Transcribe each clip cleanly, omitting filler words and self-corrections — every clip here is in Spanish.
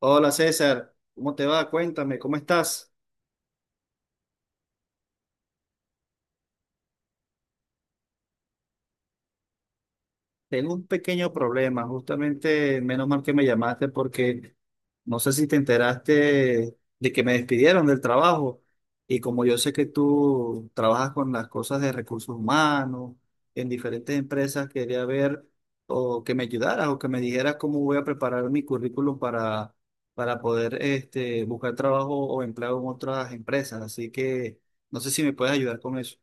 Hola César, ¿cómo te va? Cuéntame, ¿cómo estás? Tengo un pequeño problema, justamente menos mal que me llamaste porque no sé si te enteraste de que me despidieron del trabajo y como yo sé que tú trabajas con las cosas de recursos humanos en diferentes empresas, quería ver o que me ayudaras o que me dijeras cómo voy a preparar mi currículum para poder este, buscar trabajo o empleo en otras empresas. Así que no sé si me puedes ayudar con eso.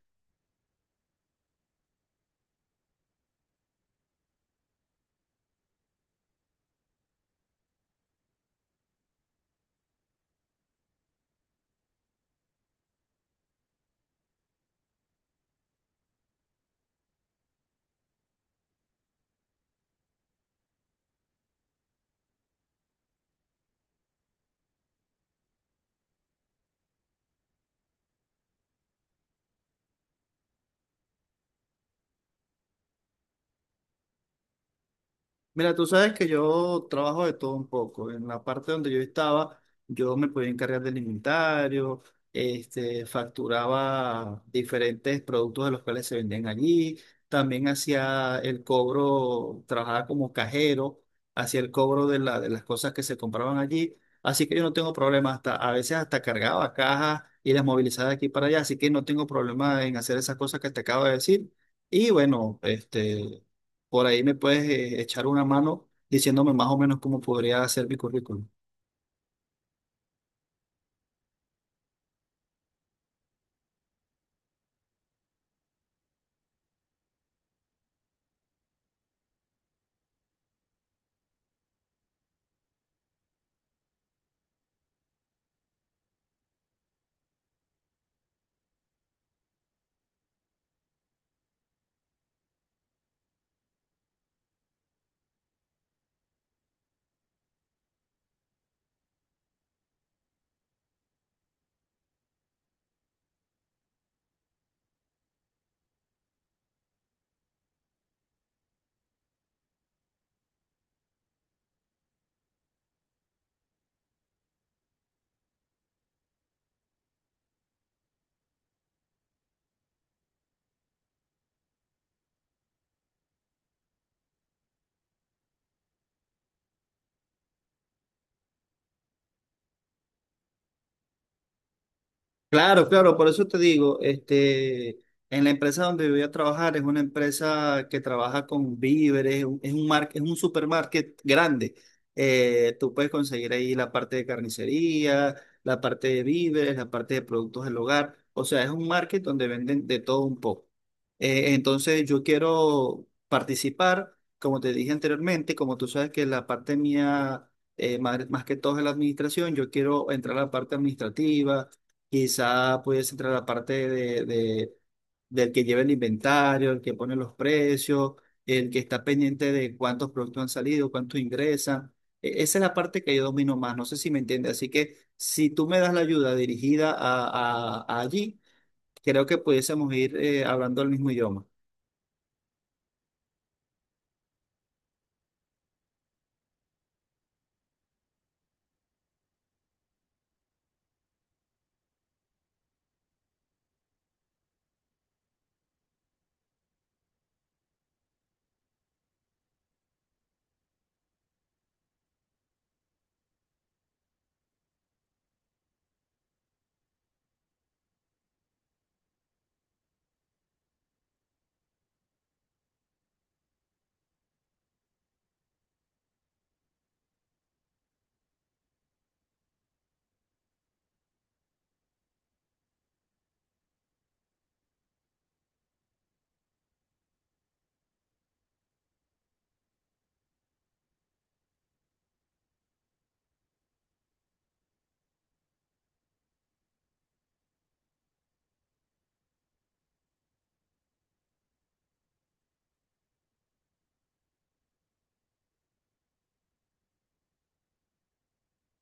Mira, tú sabes que yo trabajo de todo un poco. En la parte donde yo estaba, yo me podía encargar del inventario, este, facturaba diferentes productos de los cuales se vendían allí. También hacía el cobro, trabajaba como cajero, hacía el cobro de de las cosas que se compraban allí. Así que yo no tengo problema, hasta, a veces hasta cargaba cajas y las movilizaba de aquí para allá. Así que no tengo problema en hacer esas cosas que te acabo de decir. Y bueno, este. Por ahí me puedes echar una mano diciéndome más o menos cómo podría ser mi currículum. Claro, claro, por eso te digo, este, en la empresa donde voy a trabajar es una empresa que trabaja con víveres, es un es un supermarket grande. Tú puedes conseguir ahí la parte de carnicería, la parte de víveres, la parte de productos del hogar. O sea, es un market donde venden de todo un poco. Entonces yo quiero participar, como te dije anteriormente, como tú sabes que la parte mía, más, más que todo es la administración, yo quiero entrar a la parte administrativa. Quizá pudiese entrar la parte de del que lleva el inventario, el que pone los precios, el que está pendiente de cuántos productos han salido, cuántos ingresan. Esa es la parte que yo domino más, no sé si me entiende. Así que si tú me das la ayuda dirigida a allí, creo que pudiésemos ir hablando el mismo idioma.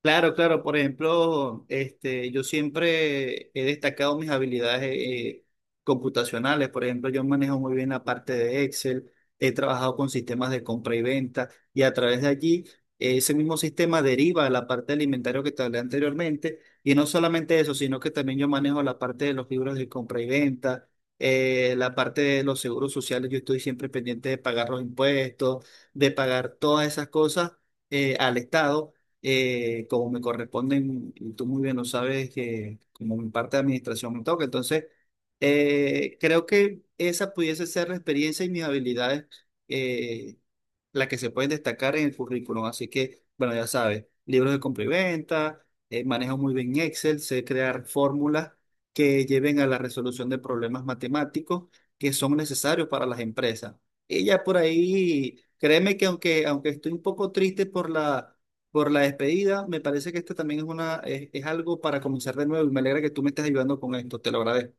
Claro, claro. Por ejemplo, este, yo siempre he destacado mis habilidades computacionales. Por ejemplo, yo manejo muy bien la parte de Excel, he trabajado con sistemas de compra y venta y a través de allí ese mismo sistema deriva a la parte del inventario que te hablé anteriormente. Y no solamente eso, sino que también yo manejo la parte de los libros de compra y venta, la parte de los seguros sociales. Yo estoy siempre pendiente de pagar los impuestos, de pagar todas esas cosas al Estado como me corresponden, y tú muy bien lo sabes, que como mi parte de administración me toca. Entonces, creo que esa pudiese ser la experiencia y mis habilidades eh, las que se pueden destacar en el currículum. Así que, bueno, ya sabes, libros de compra y venta, manejo muy bien Excel, sé crear fórmulas que lleven a la resolución de problemas matemáticos que son necesarios para las empresas. Y ya por ahí, créeme que aunque estoy un poco triste por la despedida, me parece que esto también es algo para comenzar de nuevo y me alegra que tú me estés ayudando con esto, te lo agradezco.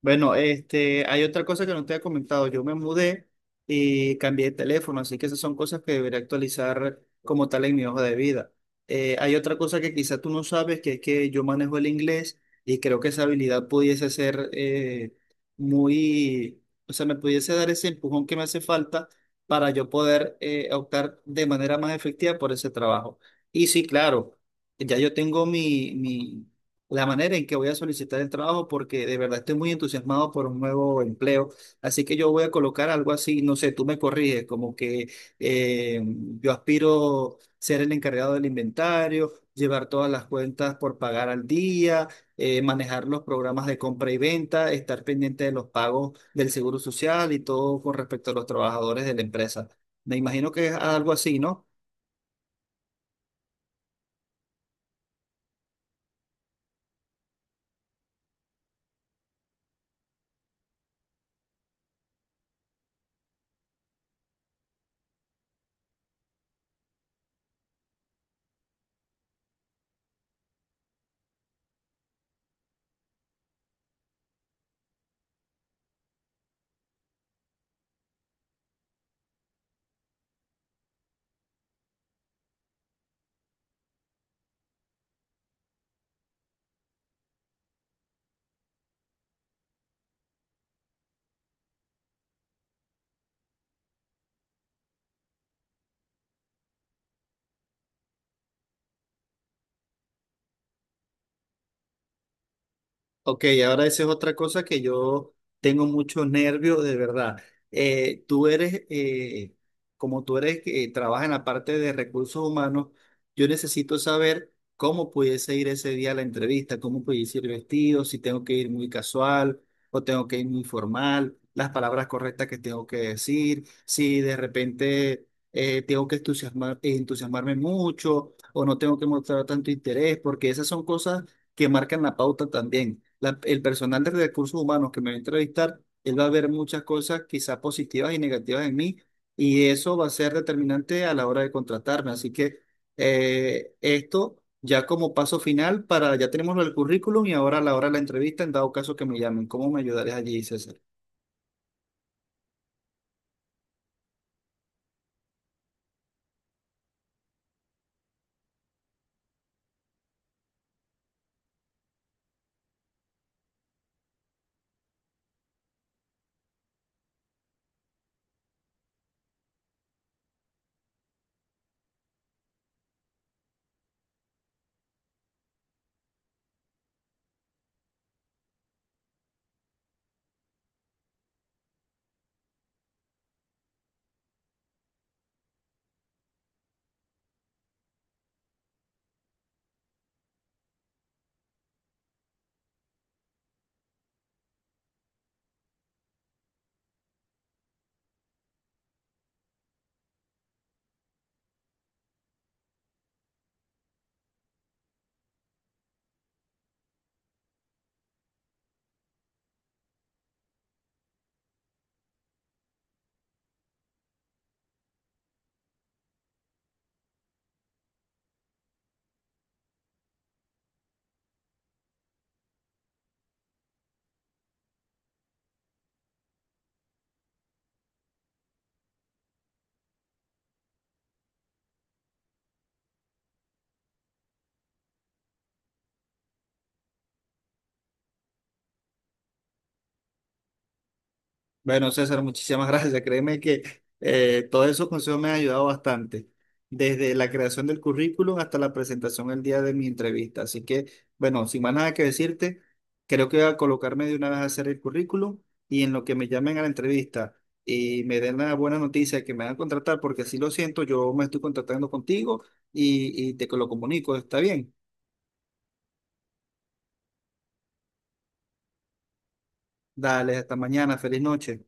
Bueno, este, hay otra cosa que no te he comentado. Yo me mudé y cambié de teléfono, así que esas son cosas que debería actualizar como tal en mi hoja de vida. Hay otra cosa que quizá tú no sabes, que es que yo manejo el inglés y creo que esa habilidad pudiese ser muy, o sea, me pudiese dar ese empujón que me hace falta para yo poder optar de manera más efectiva por ese trabajo. Y sí, claro, ya yo tengo mi la manera en que voy a solicitar el trabajo porque de verdad estoy muy entusiasmado por un nuevo empleo. Así que yo voy a colocar algo así, no sé, tú me corriges, como que eh, yo aspiro ser el encargado del inventario, llevar todas las cuentas por pagar al día, manejar los programas de compra y venta, estar pendiente de los pagos del seguro social y todo con respecto a los trabajadores de la empresa. Me imagino que es algo así, ¿no? Ok, ahora esa es otra cosa que yo tengo mucho nervio, de verdad. Eh, tú eres, eh, como tú eres que trabaja en la parte de recursos humanos, yo necesito saber cómo pudiese ir ese día a la entrevista, cómo pudiese ir vestido, si tengo que ir muy casual o tengo que ir muy formal, las palabras correctas que tengo que decir, si de repente tengo que entusiasmarme mucho o no tengo que mostrar tanto interés, porque esas son cosas que marcan la pauta también. El personal de recursos humanos que me va a entrevistar, él va a ver muchas cosas quizás positivas y negativas en mí y eso va a ser determinante a la hora de contratarme. Así que esto ya como paso final para, ya tenemos el currículum y ahora a la hora de la entrevista, en dado caso que me llamen, ¿cómo me ayudarías allí, César? Bueno, César, muchísimas gracias. Créeme que todos esos consejos me han ayudado bastante, desde la creación del currículum hasta la presentación el día de mi entrevista. Así que, bueno, sin más nada que decirte, creo que voy a colocarme de una vez a hacer el currículum y en lo que me llamen a la entrevista y me den la buena noticia de que me van a contratar, porque así lo siento, yo me estoy contratando contigo y te lo comunico. ¿Está bien? Dale, hasta mañana, feliz noche.